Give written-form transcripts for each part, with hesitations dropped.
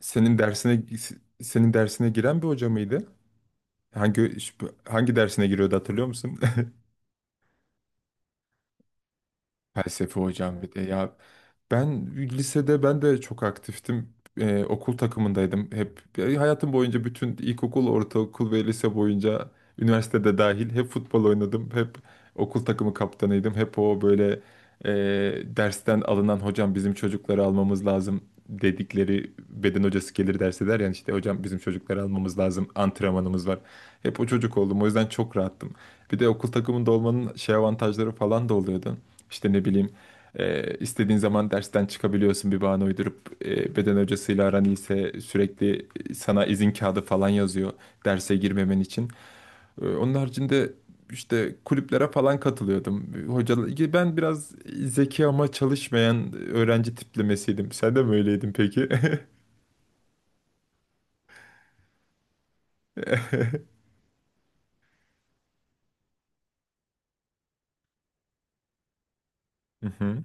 Senin dersine Senin dersine giren bir hoca mıydı? Hangi Hangi dersine giriyordu hatırlıyor musun? Felsefe hocam, bir de ya ben lisede ben de çok aktiftim. Okul takımındaydım hep. Hayatım boyunca bütün ilkokul, ortaokul ve lise boyunca üniversitede dahil hep futbol oynadım. Hep okul takımı kaptanıydım. Hep o böyle, e, dersten alınan hocam, bizim çocukları almamız lazım dedikleri beden hocası gelir derse der yani, işte hocam bizim çocukları almamız lazım, antrenmanımız var. Hep o çocuk oldum, o yüzden çok rahattım. Bir de okul takımında olmanın şey avantajları falan da oluyordu. İşte ne bileyim, istediğin zaman dersten çıkabiliyorsun bir bahane uydurup, beden hocasıyla aran iyiyse sürekli sana izin kağıdı falan yazıyor derse girmemen için. Onun haricinde işte kulüplere falan katılıyordum. Hocalar, ben biraz zeki ama çalışmayan öğrenci tiplemesiydim. Sen de mi öyleydin peki? Hı hı.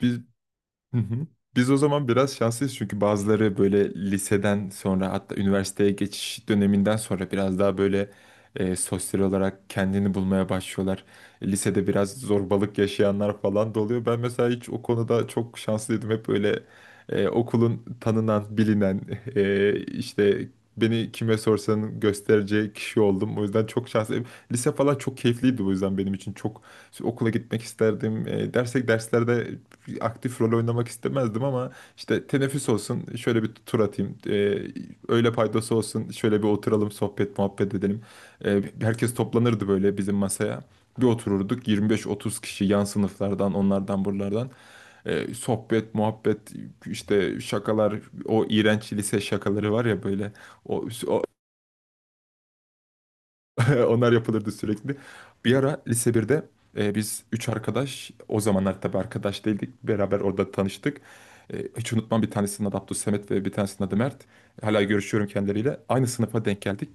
Biz Hı hı. Biz o zaman biraz şanslıyız çünkü bazıları böyle liseden sonra, hatta üniversiteye geçiş döneminden sonra biraz daha böyle sosyal olarak kendini bulmaya başlıyorlar. Lisede biraz zorbalık yaşayanlar falan da oluyor. Ben mesela hiç, o konuda çok şanslıydım. Hep böyle okulun tanınan, bilinen, işte beni kime sorsan göstereceği kişi oldum. O yüzden çok şanslıyım. Lise falan çok keyifliydi, o yüzden benim için çok okula gitmek isterdim. E, dersek Derslerde aktif rol oynamak istemezdim ama işte teneffüs olsun, şöyle bir tur atayım. Öğle paydası olsun, şöyle bir oturalım, sohbet muhabbet edelim. Herkes toplanırdı böyle bizim masaya. Bir otururduk 25-30 kişi, yan sınıflardan, onlardan, buralardan. Sohbet muhabbet, işte şakalar, o iğrenç lise şakaları var ya böyle, o, o onlar yapılırdı sürekli. Bir ara lise birde, biz üç arkadaş, o zamanlar tabii arkadaş değildik, beraber orada tanıştık. Hiç unutmam, bir tanesinin adı Abdülsemet ve bir tanesinin adı Mert. Hala görüşüyorum kendileriyle. Aynı sınıfa denk geldik.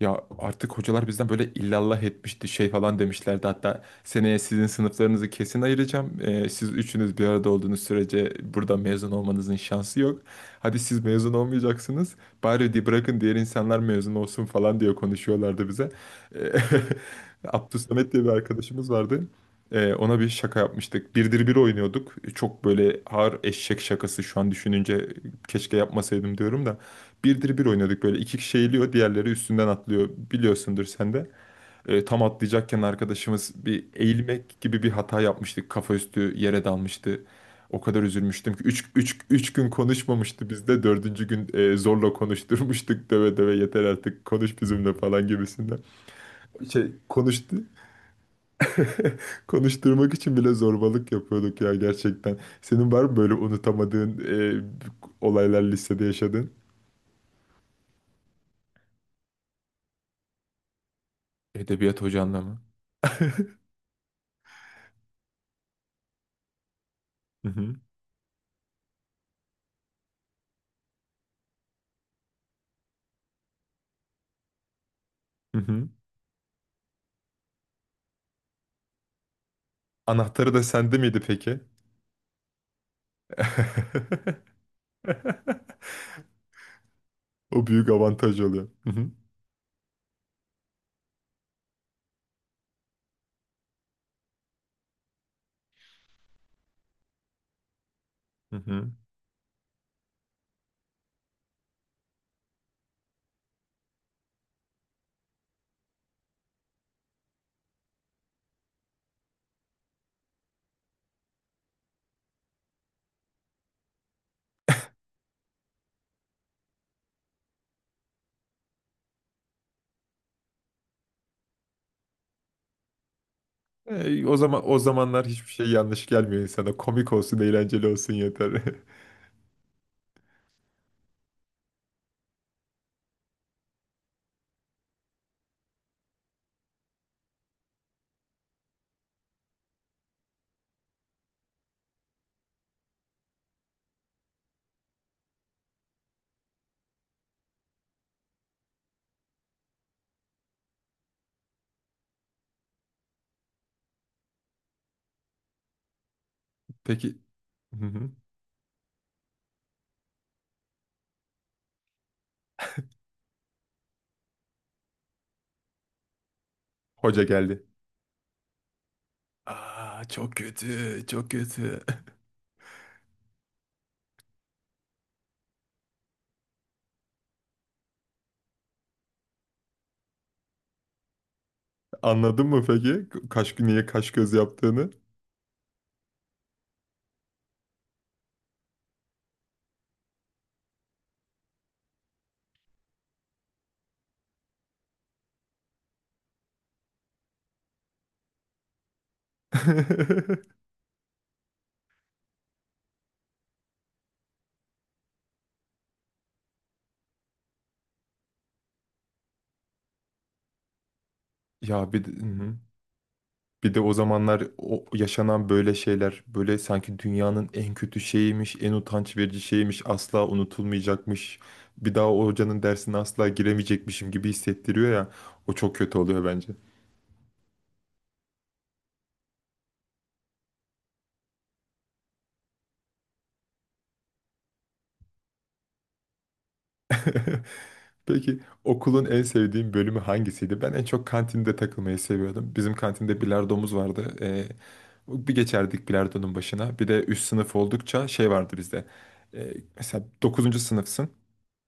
Ya artık hocalar bizden böyle illallah etmişti, şey falan demişlerdi. Hatta seneye sizin sınıflarınızı kesin ayıracağım. Siz üçünüz bir arada olduğunuz sürece burada mezun olmanızın şansı yok. Hadi, siz mezun olmayacaksınız. Bari bırakın diğer insanlar mezun olsun falan diye konuşuyorlardı bize. Ee, Abdülsamet diye bir arkadaşımız vardı. Ona bir şaka yapmıştık. Birdir bir oynuyorduk. Çok böyle ağır eşek şakası, şu an düşününce keşke yapmasaydım diyorum da. Birdir bir oynadık böyle, iki kişi eğiliyor, diğerleri üstünden atlıyor, biliyorsundur sen de. Tam atlayacakken arkadaşımız bir eğilmek gibi bir hata yapmıştık, kafa üstü yere dalmıştı. O kadar üzülmüştüm ki üç gün konuşmamıştı bizde, dördüncü gün, zorla konuşturmuştuk döve döve, yeter artık konuş bizimle falan gibisinden. Şey konuştu, konuşturmak için bile zorbalık yapıyorduk ya gerçekten. Senin var mı böyle unutamadığın, olaylar listede yaşadın? Edebiyat hocanla mı? Hı hı. Hı hı. Anahtarı da sende miydi peki? O büyük avantaj oluyor. Hı hı. Hı hı. O zaman, o zamanlar hiçbir şey yanlış gelmiyor insana. Komik olsun, eğlenceli olsun yeter. Peki. Hı hı. Hoca geldi. Aa, çok kötü, çok kötü. Anladın mı peki? Kaş, niye kaş göz yaptığını? Ya hı hı. Bir de o zamanlar o yaşanan böyle şeyler, böyle sanki dünyanın en kötü şeyiymiş, en utanç verici şeymiş, asla unutulmayacakmış. Bir daha o hocanın dersine asla giremeyecekmişim gibi hissettiriyor ya. O çok kötü oluyor bence. Peki, okulun en sevdiğin bölümü hangisiydi? Ben en çok kantinde takılmayı seviyordum. Bizim kantinde bilardomuz vardı. Bir geçerdik bilardonun başına. Bir de üst sınıf oldukça şey vardı bizde. Mesela dokuzuncu sınıfsın.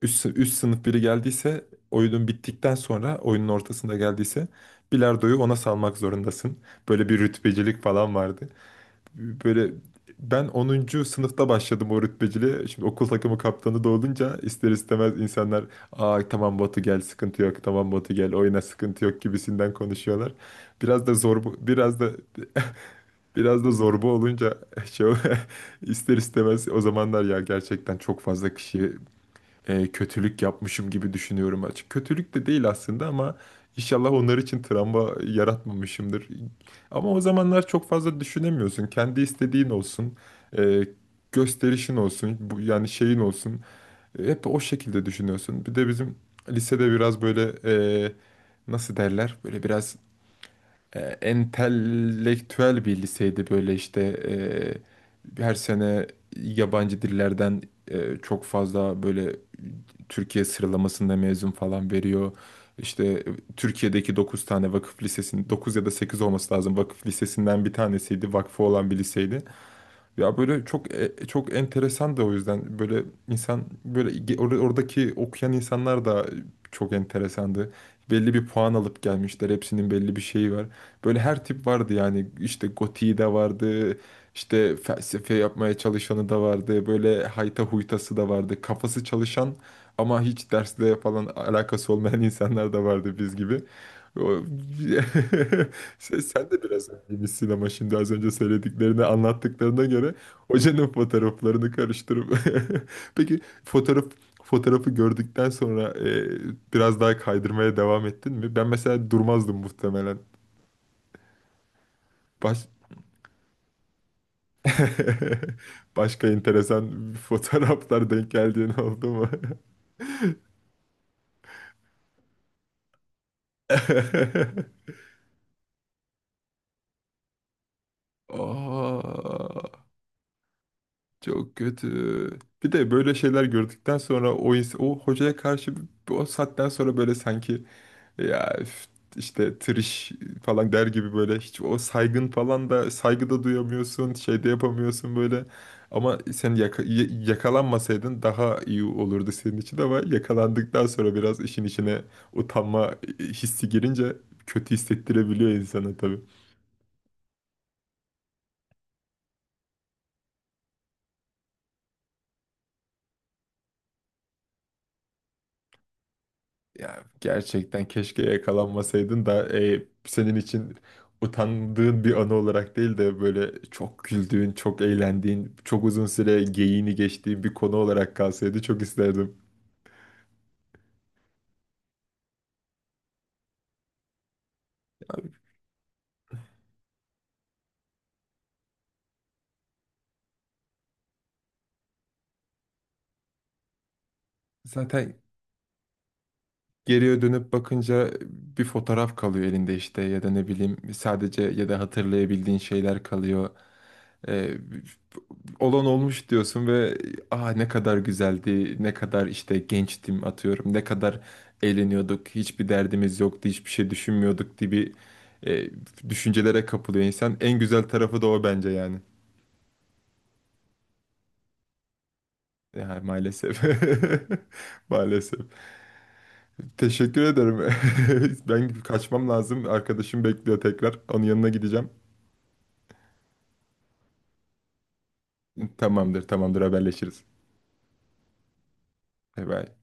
Üst sınıf biri geldiyse oyunun bittikten sonra, oyunun ortasında geldiyse bilardoyu ona salmak zorundasın. Böyle bir rütbecilik falan vardı. Böyle ben 10. sınıfta başladım o rütbeciliğe. Şimdi okul takımı kaptanı da olunca ister istemez insanlar, aa tamam Batu gel sıkıntı yok, tamam Batu gel oyna sıkıntı yok, gibisinden konuşuyorlar. Biraz da zor, biraz da, zorba olunca şey ol- ister istemez, o zamanlar ya gerçekten çok fazla kişi kötülük yapmışım gibi düşünüyorum açık. Kötülük de değil aslında ama inşallah onlar için travma yaratmamışımdır. Ama o zamanlar çok fazla düşünemiyorsun. Kendi istediğin olsun, e, gösterişin olsun, bu, yani şeyin olsun. Hep o şekilde düşünüyorsun. Bir de bizim lisede biraz böyle, e, nasıl derler? Böyle biraz entelektüel bir liseydi, böyle işte her sene yabancı dillerden çok fazla böyle Türkiye sıralamasında mezun falan veriyor. İşte Türkiye'deki 9 tane vakıf lisesinin 9 ya da 8 olması lazım. Vakıf lisesinden bir tanesiydi. Vakfı olan bir liseydi. Ya böyle çok, çok enteresan da o yüzden böyle, insan böyle oradaki okuyan insanlar da çok enteresandı. Belli bir puan alıp gelmişler. Hepsinin belli bir şeyi var. Böyle her tip vardı yani. İşte gotiği de vardı. İşte felsefe yapmaya çalışanı da vardı. Böyle hayta huytası da vardı. Kafası çalışan ama hiç dersle falan alakası olmayan insanlar da vardı biz gibi. O- sen de biraz gibisin ama, şimdi az önce söylediklerini, anlattıklarına göre hocanın fotoğraflarını karıştırıp peki fotoğrafı gördükten sonra, biraz daha kaydırmaya devam ettin mi? Ben mesela durmazdım muhtemelen. Baş... Başka enteresan fotoğraflar denk geldiğin oldu mu? Aa. Çok kötü. Bir de böyle şeyler gördükten sonra o hocaya karşı o saatten sonra böyle sanki ya üf, işte triş falan der gibi, böyle hiç o saygın falan da, saygı da duyamıyorsun, şey de yapamıyorsun böyle. Ama sen yakalanmasaydın daha iyi olurdu senin için, ama yakalandıktan sonra biraz işin içine utanma hissi girince kötü hissettirebiliyor insana tabii. Ya gerçekten keşke yakalanmasaydın da, senin için utandığın bir anı olarak değil de böyle çok güldüğün, çok eğlendiğin, çok uzun süre geyiğini geçtiğin bir konu olarak kalsaydı çok isterdim. Abi, zaten geriye dönüp bakınca bir fotoğraf kalıyor elinde, işte ya da ne bileyim, sadece ya da hatırlayabildiğin şeyler kalıyor. Ee, Olan olmuş diyorsun ve ah, ne kadar güzeldi, ne kadar işte gençtim atıyorum, ne kadar eğleniyorduk, hiçbir derdimiz yoktu, hiçbir şey düşünmüyorduk gibi e, düşüncelere kapılıyor insan. En güzel tarafı da o bence yani. Ya maalesef. Maalesef. Teşekkür ederim. Ben kaçmam lazım. Arkadaşım bekliyor tekrar. Onun yanına gideceğim. Tamamdır, tamamdır, haberleşiriz. Bay bay.